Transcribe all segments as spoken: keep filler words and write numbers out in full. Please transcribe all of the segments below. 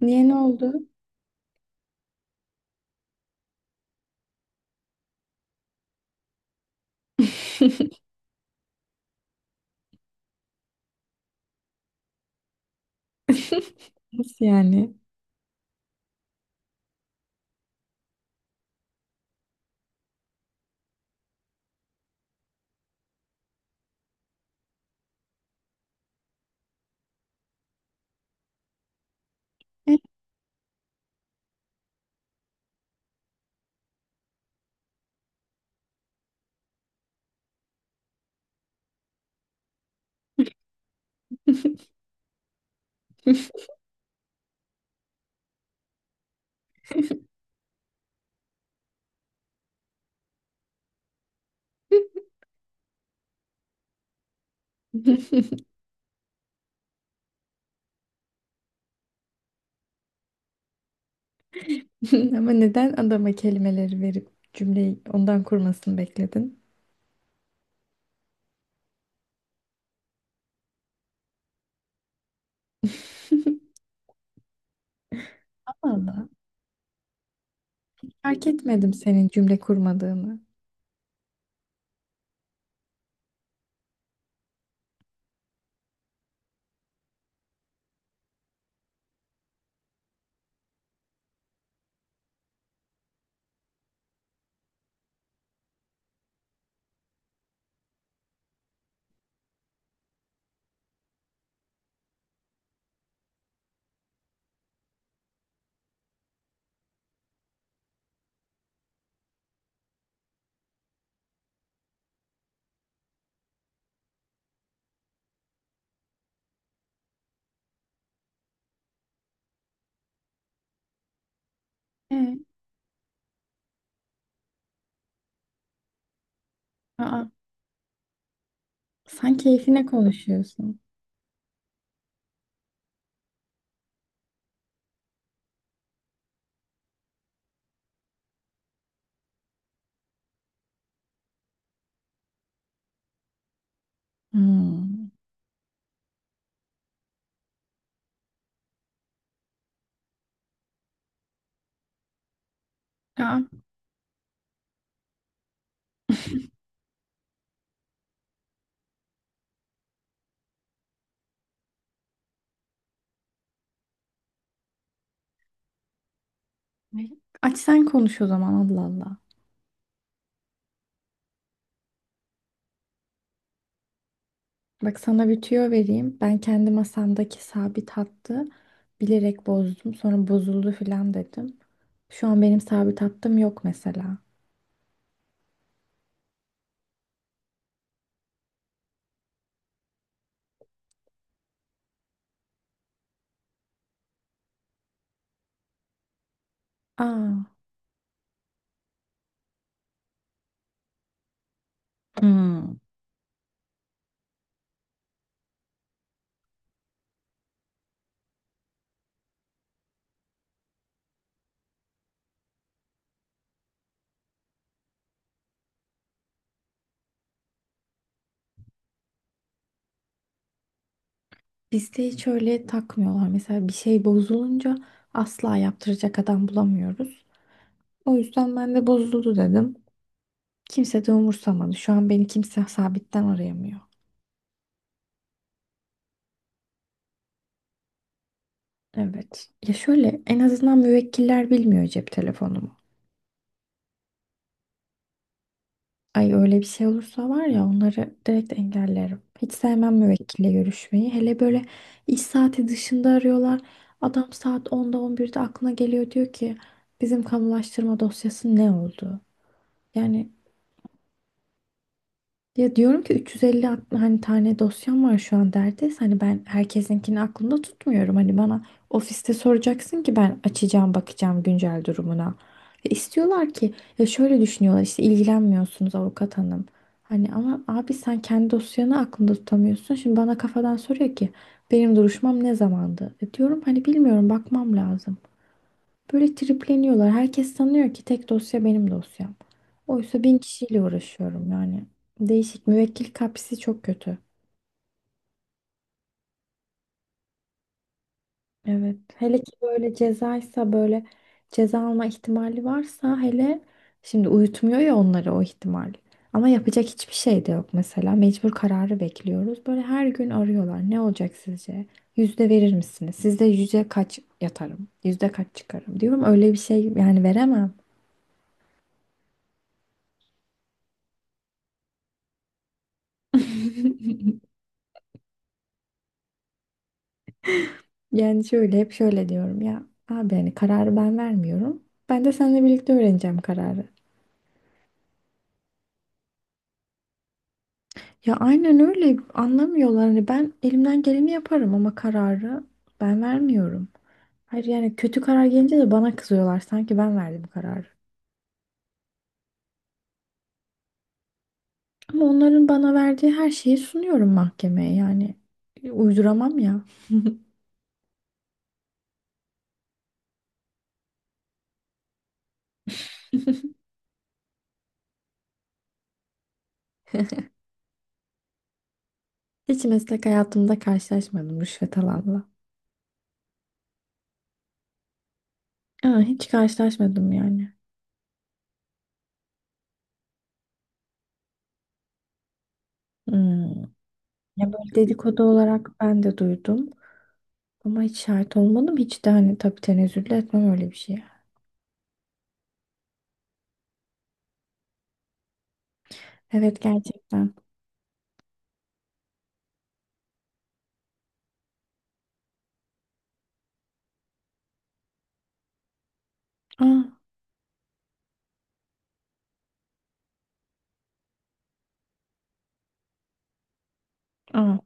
Niye ne oldu? Nasıl yani? Ama neden adama kelimeleri verip cümleyi ondan kurmasını bekledin? Allah, Allah. Fark etmedim senin cümle kurmadığını. Ee, aa, sen keyfine konuşuyorsun. Hmm. Aa, ne? Aç sen konuş o zaman, Allah Allah. Bak sana bir tüyo vereyim. Ben kendi masamdaki sabit hattı bilerek bozdum. Sonra bozuldu filan dedim. Şu an benim sabit hattım yok mesela. Aa. Hmm. Bizde hiç öyle takmıyorlar. Mesela bir şey bozulunca asla yaptıracak adam bulamıyoruz. O yüzden ben de bozuldu dedim. Kimse de umursamadı. Şu an beni kimse sabitten arayamıyor. Evet. Ya şöyle, en azından müvekkiller bilmiyor cep telefonumu. Ay, öyle bir şey olursa var ya, onları direkt engellerim. Hiç sevmem müvekkille görüşmeyi. Hele böyle iş saati dışında arıyorlar. Adam saat onda on birde aklına geliyor, diyor ki bizim kamulaştırma dosyası ne oldu? Yani, ya diyorum ki üç yüz elli at- hani tane dosyam var şu an derdeyse, hani ben herkesinkini aklımda tutmuyorum. Hani bana ofiste soracaksın ki ben açacağım, bakacağım güncel durumuna. Ve istiyorlar ki, ya şöyle düşünüyorlar işte, ilgilenmiyorsunuz avukat hanım. Hani ama abi sen kendi dosyanı aklında tutamıyorsun. Şimdi bana kafadan soruyor ki benim duruşmam ne zamandı? E diyorum hani bilmiyorum, bakmam lazım. Böyle tripleniyorlar. Herkes sanıyor ki tek dosya benim dosyam. Oysa bin kişiyle uğraşıyorum yani. Değişik. Müvekkil kapısı çok kötü. Evet. Hele ki böyle cezaysa, böyle ceza alma ihtimali varsa hele, şimdi uyutmuyor ya onları o ihtimal. Ama yapacak hiçbir şey de yok mesela. Mecbur kararı bekliyoruz. Böyle her gün arıyorlar. Ne olacak sizce? Yüzde verir misiniz? Sizde yüzde kaç yatarım? Yüzde kaç çıkarım? Diyorum öyle bir şey yani, veremem. Yani şöyle, hep şöyle diyorum ya abi, hani kararı ben vermiyorum. Ben de seninle birlikte öğreneceğim kararı. Ya aynen öyle, anlamıyorlar. Hani ben elimden geleni yaparım ama kararı ben vermiyorum. Hayır yani, kötü karar gelince de bana kızıyorlar, sanki ben verdim kararı. Ama onların bana verdiği her şeyi sunuyorum mahkemeye, yani uyduramam ya. Hiç meslek hayatımda karşılaşmadım rüşvet alanla. Aa, hiç karşılaşmadım yani. Hmm. Ya böyle dedikodu olarak ben de duydum. Ama hiç şahit olmadım. Hiç de hani, tabii tenezzül de etmem öyle bir şeye. Evet, gerçekten. Aa, aa.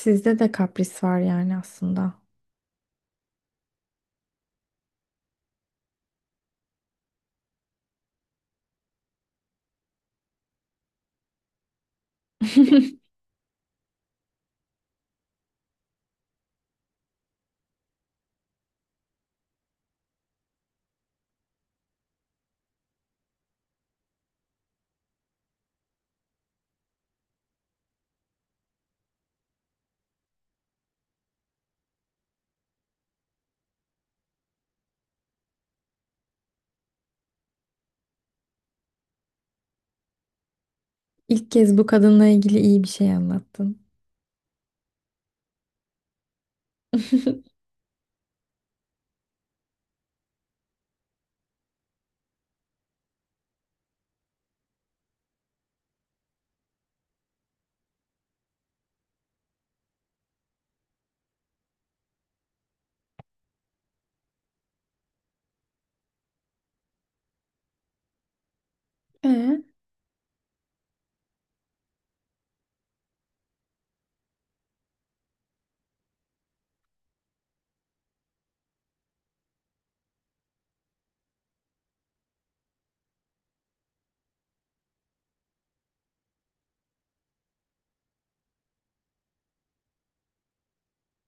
Sizde de kapris var yani aslında. İlk kez bu kadınla ilgili iyi bir şey anlattın. E,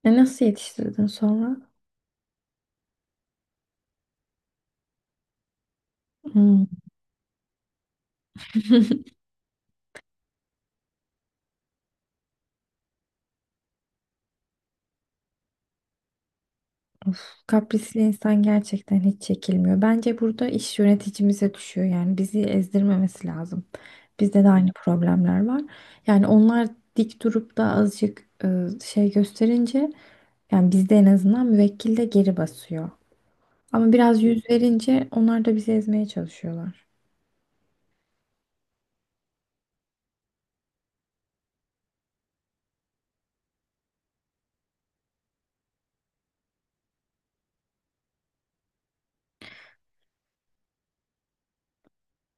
e nasıl yetiştirdin sonra? Hmm. Kaprisli insan gerçekten hiç çekilmiyor. Bence burada iş yöneticimize düşüyor. Yani bizi ezdirmemesi lazım. Bizde de aynı problemler var. Yani onlar dik durup da azıcık e, şey gösterince, yani bizde en azından müvekkil de geri basıyor. Ama biraz yüz verince onlar da bizi ezmeye çalışıyorlar.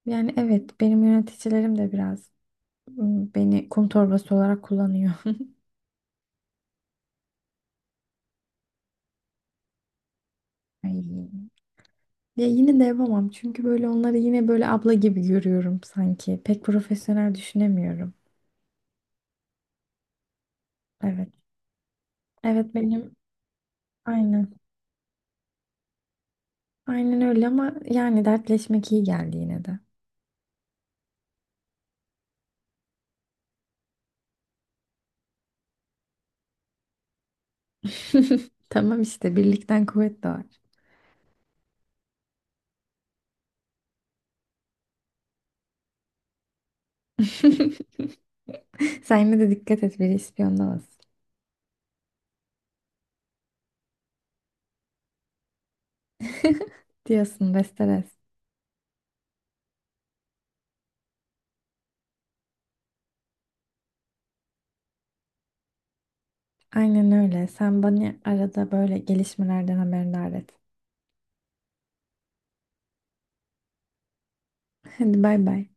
Yani evet, benim yöneticilerim de biraz ım, beni kum torbası olarak kullanıyor. Ay. Ya yine de yapamam, çünkü böyle onları yine böyle abla gibi görüyorum sanki. Pek profesyonel düşünemiyorum. Evet. Evet benim aynen. Aynen öyle, ama yani dertleşmek iyi geldi yine de. Tamam işte, birlikten kuvvet doğar. Sen yine de dikkat et, biri ispiyonlamasın. Diyorsun Besteres. Aynen öyle. Sen bana arada böyle gelişmelerden haberdar et. Hadi bay bay.